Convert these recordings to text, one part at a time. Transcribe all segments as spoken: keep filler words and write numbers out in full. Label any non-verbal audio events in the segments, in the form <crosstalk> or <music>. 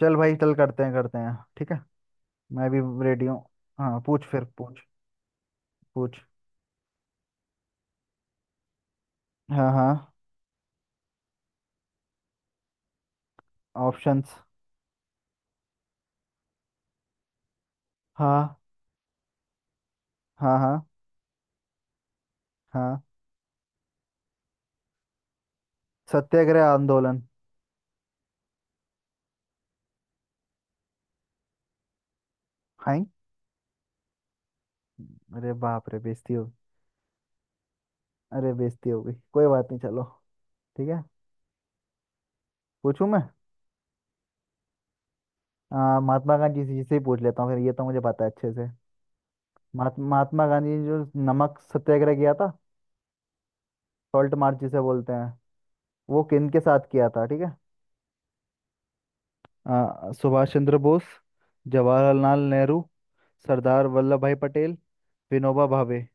चल भाई, चल करते हैं करते हैं, ठीक है। मैं भी रेडी हूँ। हाँ पूछ, फिर पूछ पूछ। हाँ हाँ। ऑप्शंस? हाँ हाँ हाँ हाँ। सत्याग्रह आंदोलन। हाय। अरे बाप रे, बेइज्जती हो। अरे बेइज्जती हो गई, कोई बात नहीं, चलो ठीक है। पूछूं मैं। आ, महात्मा गांधी जी से ही पूछ लेता हूँ, फिर ये तो मुझे पता है अच्छे से। महात- महात्मा गांधी ने जो नमक सत्याग्रह किया था, सॉल्ट मार्च जिसे बोलते हैं, वो किन के साथ किया था, ठीक है। आ, सुभाष चंद्र बोस, जवाहरलाल नेहरू, सरदार वल्लभ भाई पटेल, विनोबा भावे।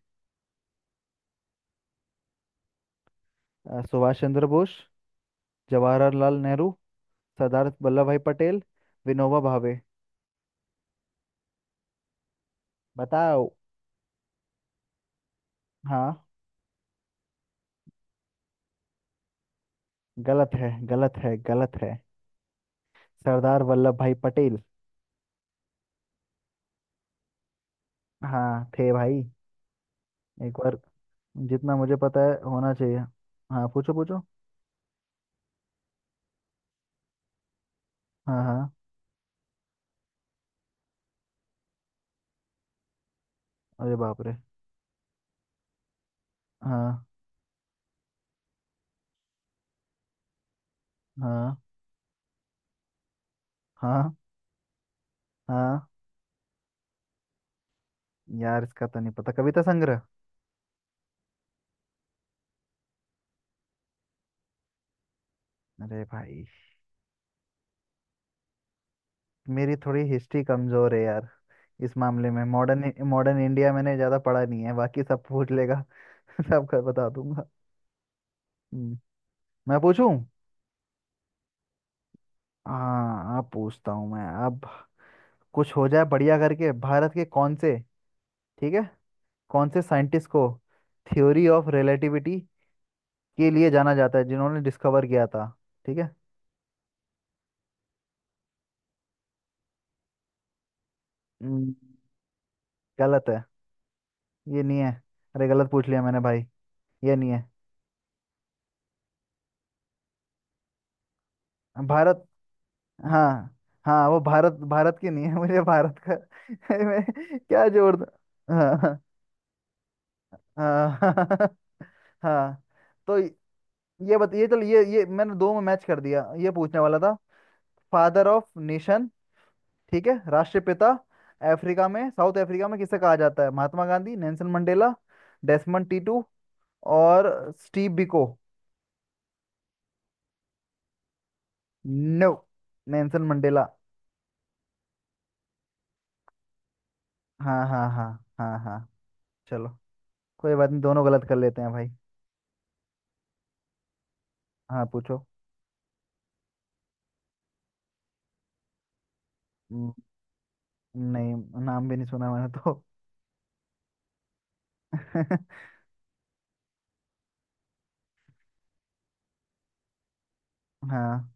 आ, सुभाष चंद्र बोस, जवाहरलाल नेहरू, सरदार वल्लभ भाई पटेल, विनोबा भावे। बताओ। हाँ। गलत है, गलत है, गलत है। सरदार वल्लभ भाई पटेल। हाँ, थे भाई। एक बार, जितना मुझे पता है होना चाहिए। हाँ, पूछो पूछो। हाँ हाँ। अरे बाप रे। हाँ हाँ हाँ हाँ। यार, इसका तो नहीं पता, कविता संग्रह। अरे भाई। मेरी थोड़ी हिस्ट्री कमजोर है यार, इस मामले में। मॉडर्न मॉडर्न इंडिया मैंने ज्यादा पढ़ा नहीं है, बाकी सब पूछ लेगा <laughs> सबका बता दूंगा। हम्म, मैं पूछूं। हाँ, आप पूछता हूँ मैं अब, कुछ हो जाए बढ़िया करके। भारत के कौन से, ठीक है, कौन से साइंटिस्ट को थ्योरी ऑफ रिलेटिविटी के लिए जाना जाता है, जिन्होंने डिस्कवर किया था, ठीक है। हम्म, गलत है, ये नहीं है। अरे गलत पूछ लिया मैंने भाई, ये नहीं है। भारत। हाँ। हाँ, वो भारत भारत की नहीं है, मुझे भारत का <laughs> मैं क्या जोड़ दूं? हाँ। हाँ <laughs> हाँ। तो ये बताइए, चलो, ये ये मैंने दो में मैच कर दिया, ये पूछने वाला था। फादर ऑफ नेशन, ठीक है, राष्ट्रपिता। अफ्रीका में, साउथ अफ्रीका में किसे कहा जाता है? Mahatma Gandhi, Nelson Mandela, Desmond Tutu, और Steve Biko. No, Nelson Mandela. हाँ हाँ हाँ। हाँ हाँ। चलो, कोई बात नहीं, दोनों गलत कर लेते हैं भाई। हाँ पूछो। नहीं, नाम भी नहीं सुना मैंने तो <laughs> हाँ।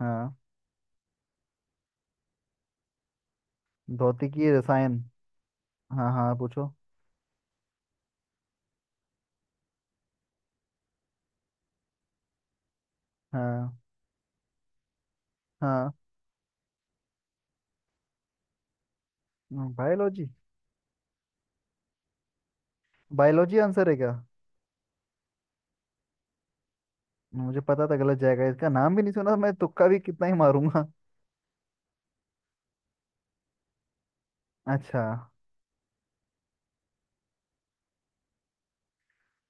हाँ। भौतिकी की रसायन। हाँ हाँ, पूछो। हाँ। हाँ। बायोलॉजी। बायोलॉजी आंसर है क्या? मुझे पता था गलत जाएगा, इसका नाम भी नहीं सुना, मैं तुक्का भी कितना ही मारूंगा <laughs> अच्छा।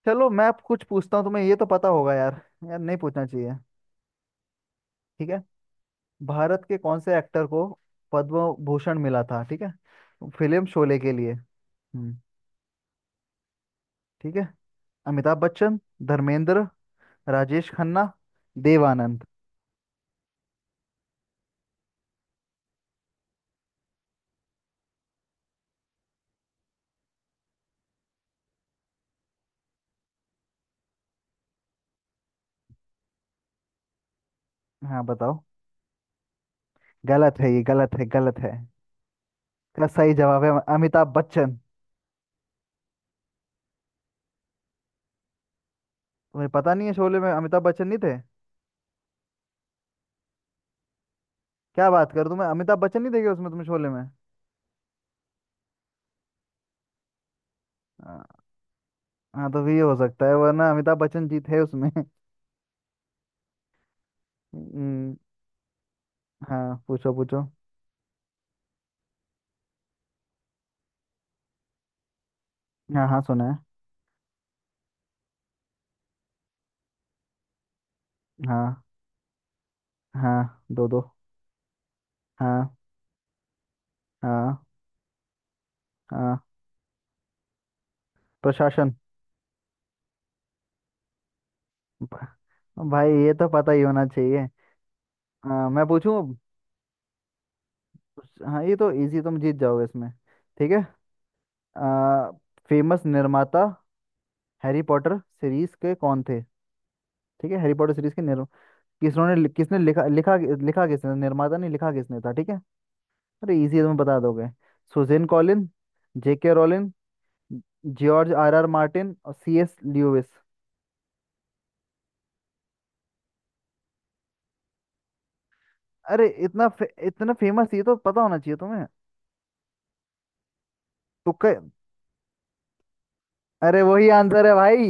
चलो मैं अब कुछ पूछता हूँ तुम्हें, ये तो पता होगा यार, यार नहीं पूछना चाहिए, ठीक है। भारत के कौन से एक्टर को पद्म भूषण मिला था, ठीक है, फिल्म शोले के लिए। हम्म। ठीक है। अमिताभ बच्चन, धर्मेंद्र, राजेश खन्ना, देव आनंद। हाँ बताओ। गलत है, ये गलत है, गलत है। इसका सही जवाब है अमिताभ बच्चन। तुम्हें पता नहीं है, शोले में अमिताभ बच्चन नहीं थे? क्या बात कर, तुम्हें अमिताभ बच्चन नहीं देखे उसमें, तुम्हें शोले में? हाँ। हाँ, तो भी ये हो सकता है, वरना अमिताभ बच्चन जी थे उसमें <laughs> हम्म। हाँ पूछो पूछो। हाँ हाँ सुना है। हाँ। हाँ दो दो। हाँ हाँ हाँ। प्रशासन। भ- भाई ये तो पता ही होना चाहिए। हाँ, मैं पूछूं अब? हाँ, ये तो इजी, तुम जीत जाओगे इसमें, ठीक है। आ, फेमस निर्माता हैरी पॉटर सीरीज के कौन थे, ठीक है, हैरी पॉटर सीरीज के निर्म किसने ने किसने लिखा लिखा? लिखा किसने, निर्माता नहीं, लिखा किसने था, ठीक है। अरे इजी है, तुम बता दोगे। सुजेन कॉलिन, जेके Rowling, George R R Martin और सी एस ल्यूइस। अरे इतना फे, इतना फेमस, ये तो पता होना चाहिए तुम्हें। तुक्का। अरे वही आंसर है भाई,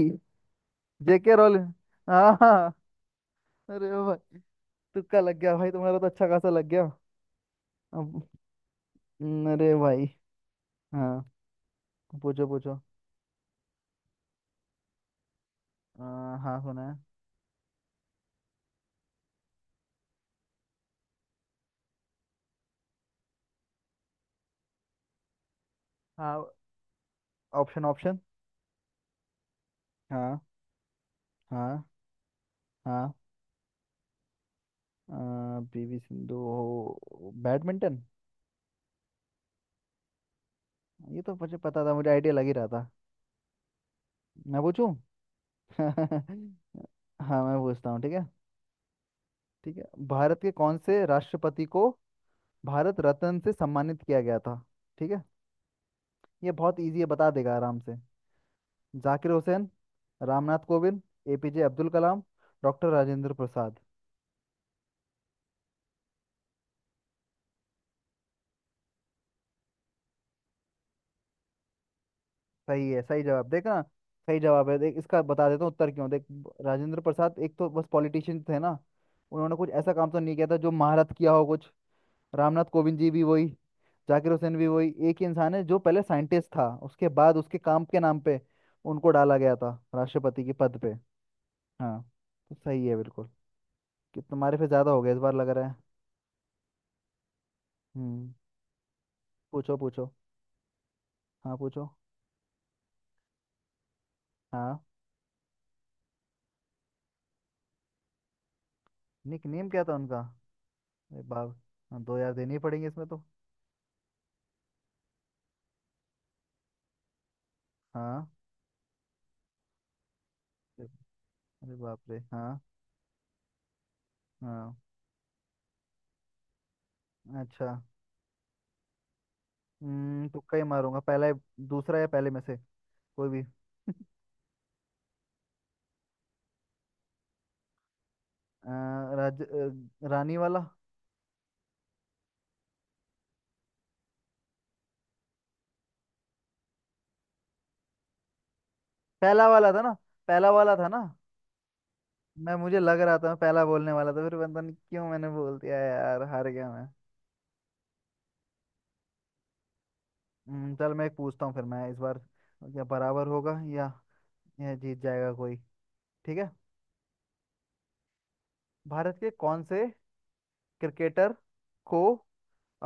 जेके रोलिन। हाँ हाँ। अरे भाई, तुक्का लग गया भाई, तुम्हारा तो अच्छा खासा लग गया। अब। हम्म, अरे भाई। हाँ पूछो पूछो। आ, हाँ सुना है। हाँ। Option option. हाँ हाँ हाँ। पीवी सिंधु हो बैडमिंटन। ये तो मुझे पता था, मुझे आइडिया लग ही रहा था। मैं पूछूं <laughs> हाँ, मैं पूछता हूँ, ठीक है। ठीक है, भारत के कौन से राष्ट्रपति को भारत रत्न से सम्मानित किया गया था, ठीक है। ये बहुत इजी है, बता देगा आराम से। जाकिर हुसैन, रामनाथ कोविंद, एपीजे अब्दुल कलाम, डॉक्टर राजेंद्र प्रसाद। सही है, सही जवाब देखना। सही जवाब है, देख इसका बता देता हूँ उत्तर क्यों। देख ब- राजेंद्र प्रसाद एक तो बस पॉलिटिशियन थे ना, उन्होंने कुछ ऐसा काम तो नहीं किया था जो महारत किया हो कुछ। रामनाथ कोविंद जी भी वही, जाकिर हुसैन भी वही। एक ही इंसान है जो पहले साइंटिस्ट था, उसके बाद उसके काम के नाम पे उनको डाला गया था राष्ट्रपति के पद पे। हाँ, तो सही है बिल्कुल, कि तुम्हारे पे ज्यादा हो गया इस बार लग रहा है। हम्म। पूछो पूछो। हाँ पूछो। हाँ। निक नेम क्या था उनका? अरे बाप। हाँ, दो यार देनी पड़ेंगे इसमें तो। हाँ। अरे बाप रे, हाँ। हाँ। अच्छा। हम्म, तुक्का ही मारूंगा, पहला या दूसरा, या पहले में से कोई भी <laughs> अ, राज अ, रानी वाला। पहला वाला था ना। पहला वाला था ना। मैं मुझे लग रहा था, मैं पहला बोलने वाला था, फिर पता नहीं क्यों मैंने बोल दिया यार, हार गया मैं। हम्म, चल मैं एक पूछता हूँ फिर, मैं इस बार, या बराबर होगा, या या जीत जाएगा कोई, ठीक है। भारत के कौन से क्रिकेटर को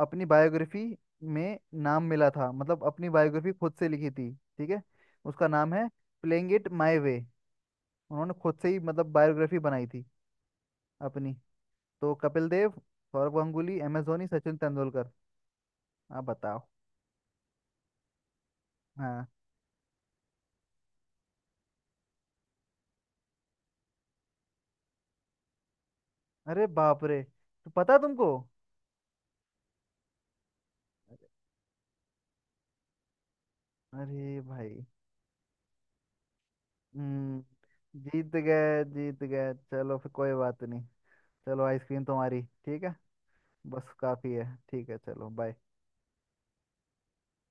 अपनी बायोग्राफी में नाम मिला था, मतलब अपनी बायोग्राफी खुद से लिखी थी, ठीक है। उसका नाम है प्लेइंग इट माय वे, उन्होंने खुद से ही मतलब बायोग्राफी बनाई थी अपनी। तो कपिल देव, सौरव गांगुली, एम एस धोनी, सचिन तेंदुलकर, आप बताओ। हाँ। अरे बाप रे, तो पता तुमको। अरे भाई। हम्म। जीत गए, जीत गए, चलो फिर, कोई बात नहीं। चलो, आइसक्रीम तुम्हारी, ठीक है, बस काफी है। ठीक है, चलो, बाय।